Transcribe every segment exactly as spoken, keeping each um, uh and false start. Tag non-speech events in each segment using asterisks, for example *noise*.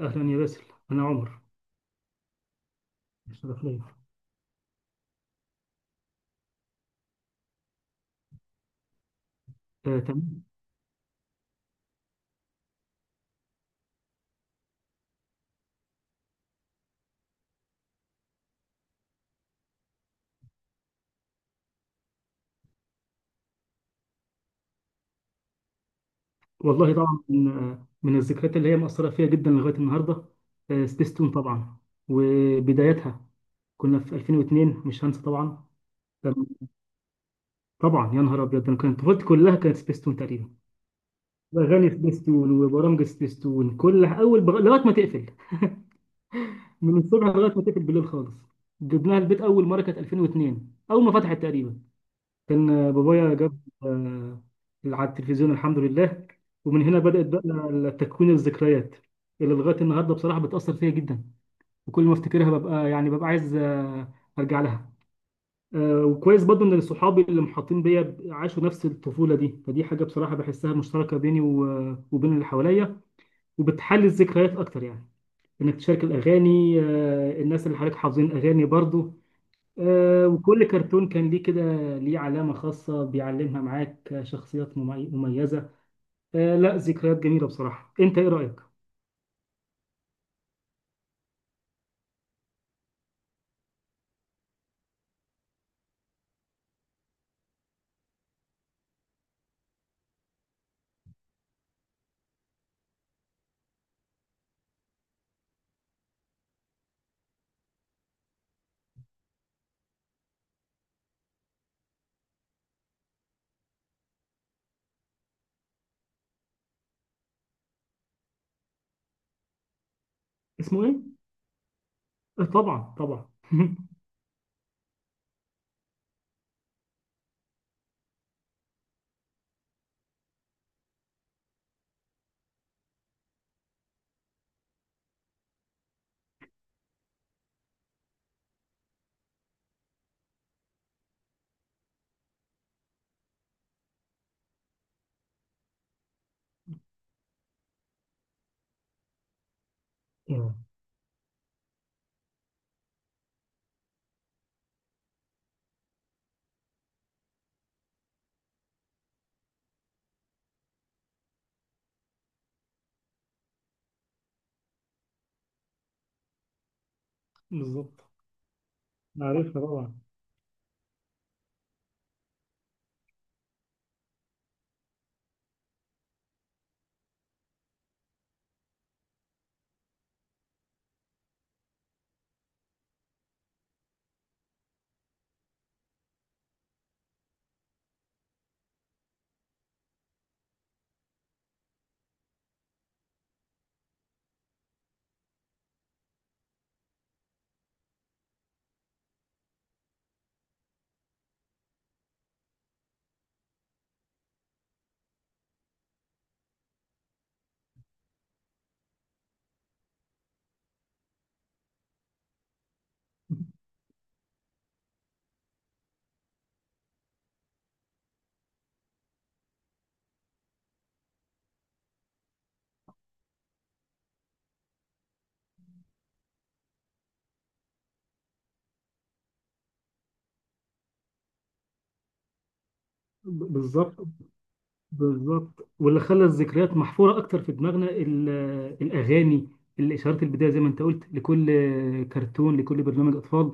أهلا يا باسل. أنا عمر. الشرف ليا. آه تمام. والله طبعا من, آه من الذكريات اللي هي مأثرة فيها جدا لغاية النهاردة. آه سبيستون طبعا وبدايتها، كنا في ألفين واتنين، مش هنسى طبعا. تمام. طبعا يا نهار أبيض، أنا كانت طفولتي كلها كانت سبيستون تقريبا. أغاني سبيستون وبرامج سبيستون، كل أول بغ... لغاية ما تقفل، من الصبح لغاية ما تقفل بالليل خالص. جبناها البيت أول مرة كانت ألفين واتنين، أول ما فتحت تقريبا. كان بابايا جاب، آه، على التلفزيون، الحمد لله. ومن هنا بدأت بقى تكوين الذكريات اللي لغاية النهاردة بصراحة بتأثر فيا جدا. وكل ما افتكرها ببقى يعني ببقى عايز، آه، أرجع لها. آه، وكويس برضو إن صحابي اللي محاطين بيا عاشوا نفس الطفولة دي، فدي حاجة بصراحة بحسها مشتركة بيني و- وبين اللي حواليا. وبتحلي الذكريات أكتر يعني، إنك تشارك الأغاني، آه، الناس اللي حواليك حافظين أغاني برضو. آه، وكل كرتون كان ليه كده، ليه علامة خاصة بيعلمها معاك. آه، شخصيات ممي- مميزة. آه، لا، ذكريات جميلة بصراحة. انت ايه رأيك؟ اسمه ايه؟ آه، طبعا طبعا. *laughs* آه، بالظبط. عارفها طبعا. ب- بالظبط. بالظبط، واللي خلى الذكريات محفورة اكتر في دماغنا ال- آه، الاغاني، الاشارات البداية، زي ما انت قلت، لكل آه، كرتون، لكل برنامج اطفال،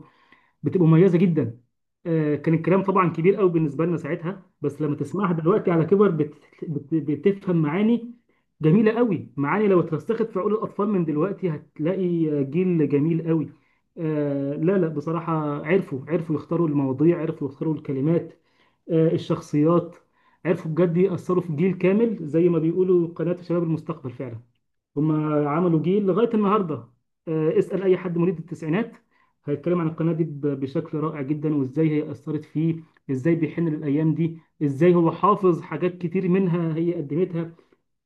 بتبقى مميزه جدا. آه، كان الكلام طبعا كبير قوي بالنسبه لنا ساعتها، بس لما تسمعها دلوقتي على كبر بت... بت... بتفهم معاني جميله قوي. معاني لو اترسخت في عقول الاطفال من دلوقتي، هتلاقي جيل جميل قوي. آه لا لا، بصراحه عرفوا، عرفوا يختاروا المواضيع، عرفوا يختاروا الكلمات. آه الشخصيات، عرفوا بجد يأثروا في جيل كامل. زي ما بيقولوا قناة شباب المستقبل، فعلا هم عملوا جيل لغايه النهارده. آه، اسال اي حد مواليد التسعينات، هيتكلم عن القناه دي ب- بشكل رائع جدا، وازاي هي اثرت فيه، ازاي بيحن للايام دي، ازاي هو حافظ حاجات كتير منها هي قدمتها.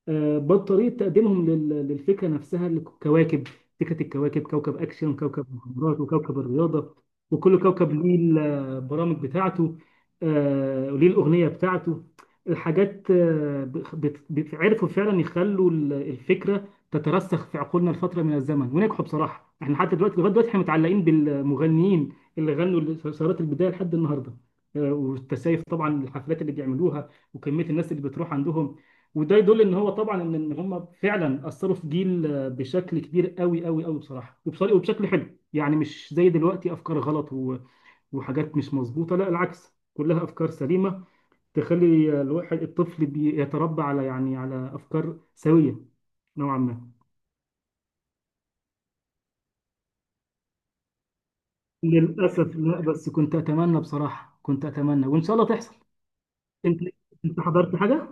آه، بطريقة تقديمهم لل- للفكرة نفسها، الكواكب، فكرة الكواكب، كوكب أكشن، كوكب مغامرات، وكوكب الرياضة، وكل كوكب ليه البرامج بتاعته. آه، وليه الأغنية بتاعته. الحاجات، آه، بت- بت- عرفوا فعلا يخلوا ال- الفكرة تترسخ في عقولنا لفترة من الزمن، ونجحوا بصراحة. احنا حتى دلوقتي لغاية دلوقتي احنا متعلقين بالمغنيين اللي غنوا ثورات البداية لحد النهاردة. آه، والتسايف طبعا، الحفلات اللي بيعملوها وكمية الناس اللي بتروح عندهم، وده يدل ان هو طبعا ان إن هم فعلا اثروا في جيل، آه، بشكل كبير قوي قوي قوي بصراحه. وبصراحه وبشكل حلو يعني، مش زي دلوقتي افكار غلط و- وحاجات مش مظبوطه. لا العكس، كلها افكار سليمه تخلي الواحد الطفل بيتربى على يعني على افكار سويه نوعا ما. للاسف لا، بس كنت اتمنى بصراحه، كنت اتمنى وان شاء الله تحصل. انت انت حضرت حاجه؟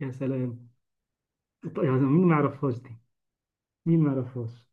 يا سلام، طيب يعني مين ما يعرفهاش دي، مين ما يعرفهاش.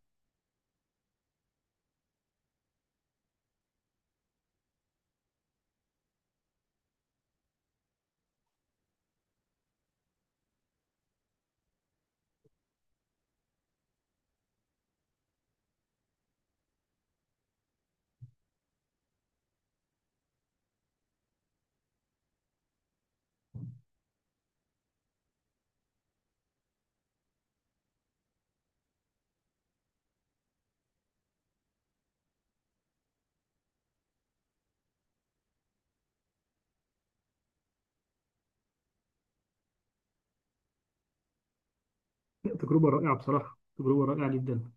تجربه رائعه بصراحه، تجربه رائعه جدا.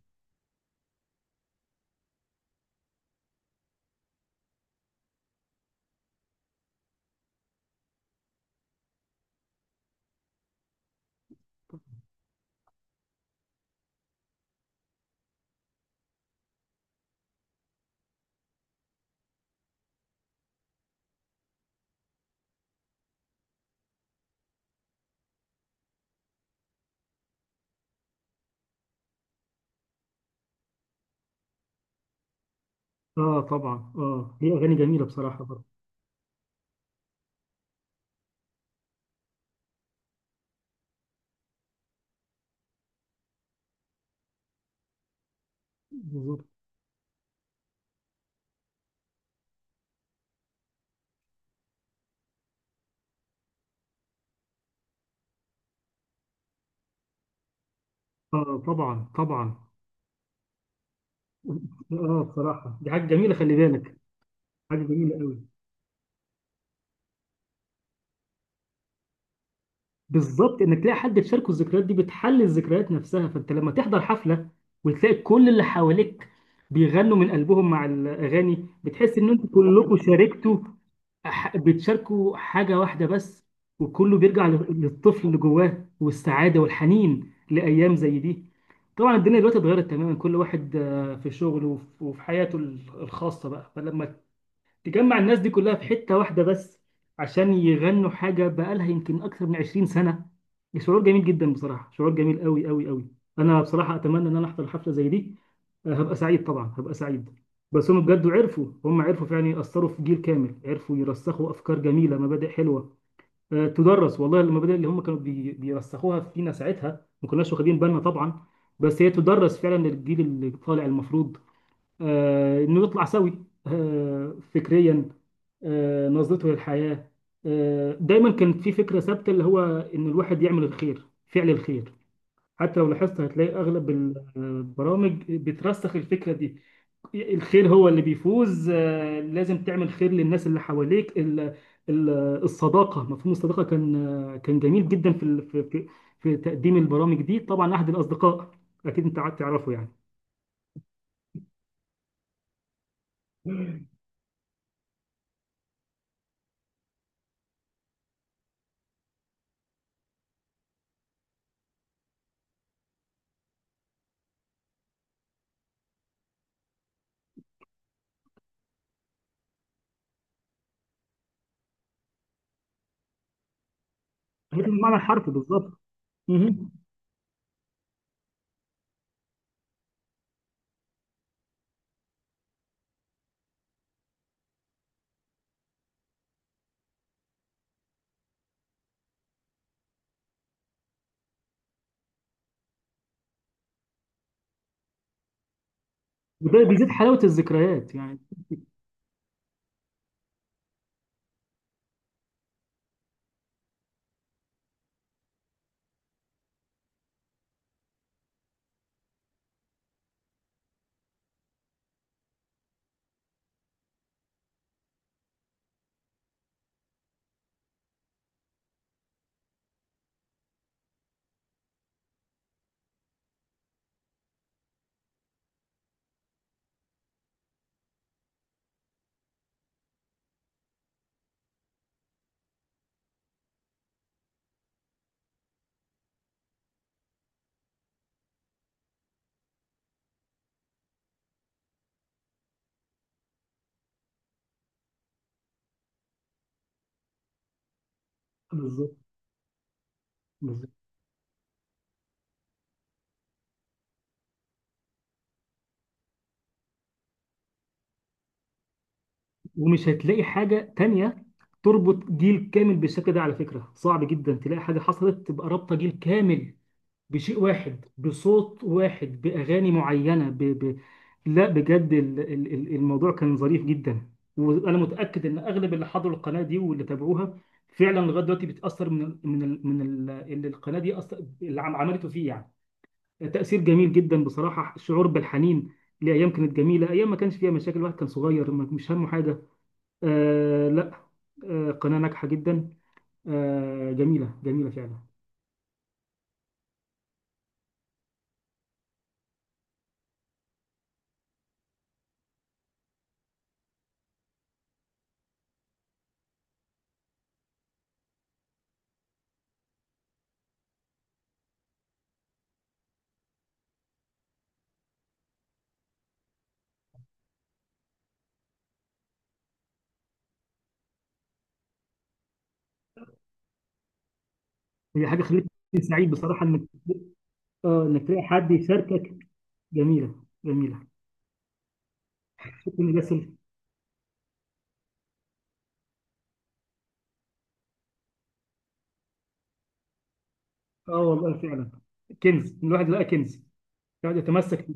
اه طبعا، اه هي اغاني جميله بصراحه برضه. بالظبط. اه طبعا طبعا. اه بصراحه دي حاجه جميله، خلي بالك. حاجه جميله قوي. بالظبط، انك تلاقي حد تشاركه الذكريات دي بتحلي الذكريات نفسها. فانت لما تحضر حفله وتلاقي كل اللي حواليك بيغنوا من قلبهم مع الاغاني، بتحس ان انتوا كلكم شاركتوا، ح- بتشاركوا حاجة واحدة بس. وكله بيرجع لل- للطفل اللي جواه، والسعادة والحنين لأيام زي دي. طبعا الدنيا دلوقتي اتغيرت تماما، كل واحد آه، في شغله وف- وفي حياته ال- الخاصة بقى، فلما تجمع الناس دي كلها في حتة واحدة بس عشان يغنوا حاجة بقالها يمكن أكثر من عشرين سنة، شعور جميل جدا بصراحة، شعور جميل قوي قوي قوي. أنا بصراحة أتمنى إن أنا أحضر حفلة زي دي. آه، هبقى سعيد طبعا، هبقى سعيد. بس هم بجد عرفوا، هم عرفوا فعلا يأثروا في جيل كامل، عرفوا يرسخوا أفكار جميلة، مبادئ حلوة. آه، تدرس والله، المبادئ اللي هم كانوا بي- بيرسخوها فينا ساعتها ما كناش واخدين بالنا طبعا، بس هي تدرس فعلا للجيل اللي طالع. المفروض، آه، انه يطلع سوي، آه، فكريا، آه، نظرته للحياة. آه، دايما كان في فكرة ثابتة اللي هو ان الواحد يعمل الخير، فعل الخير. حتى لو لاحظت هتلاقي اغلب ال- البرامج بترسخ الفكرة دي، الخير هو اللي بيفوز. آه، لازم تعمل خير للناس اللي حواليك. ال- ال- الصداقة، مفهوم الصداقة كان، آه، كان جميل جدا في ال- في في في تقديم البرامج دي طبعا، احد الاصدقاء، اكيد انت قعدت تعرفه يعني. هو ده المعنى الحرفي بالظبط. مهم. وده بيزيد حلاوة الذكريات يعني. بالظبط، بالظبط. ومش هتلاقي حاجة تانية تربط جيل كامل بالشكل ده، على فكرة صعب جدا تلاقي حاجة حصلت تبقى رابطة جيل كامل بشيء واحد، بصوت واحد، بأغاني معينة ب... ب... لا بجد، ال... ال... ال- الموضوع كان ظريف جدا. وأنا متأكد إن أغلب اللي حضروا القناة دي واللي تابعوها فعلا لغاية دلوقتي بيتأثر من ال... من ال... من ال... اللي القناة دي أص... اللي عم- عملته فيه يعني، تأثير جميل جدا بصراحة. الشعور بالحنين لأيام كانت جميلة، أيام ما كانش فيها مشاكل، الواحد كان صغير ما- مش همه حاجة. آه لا، آه قناة ناجحة جدا، آه جميلة جميلة فعلا. هي حاجة خلتني سعيد بصراحة إنك، آه إنك تلاقي حد يشاركك. جميلة جميلة. شكرا، إن ده سر. آه والله فعلا، كنز، الواحد لقى كنز يقعد يتمسك فيه.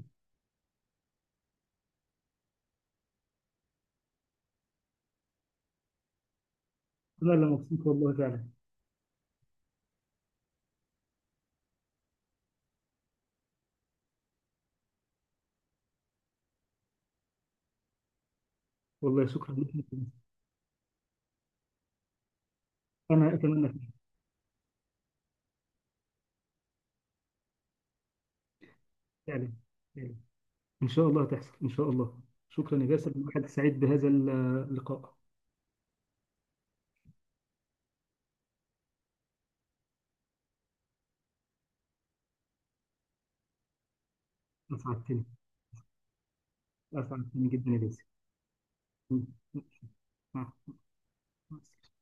لا لا، مبسوط والله فعلا. والله شكرا لك. أنا أتمنى. فعلا، فعلا. إن شاء الله هتحصل إن شاء الله. شكرا يا باسل، الواحد سعيد بهذا اللقاء. أسعدتني. أسعدتني جدا يا باسل. مع مع السلامة.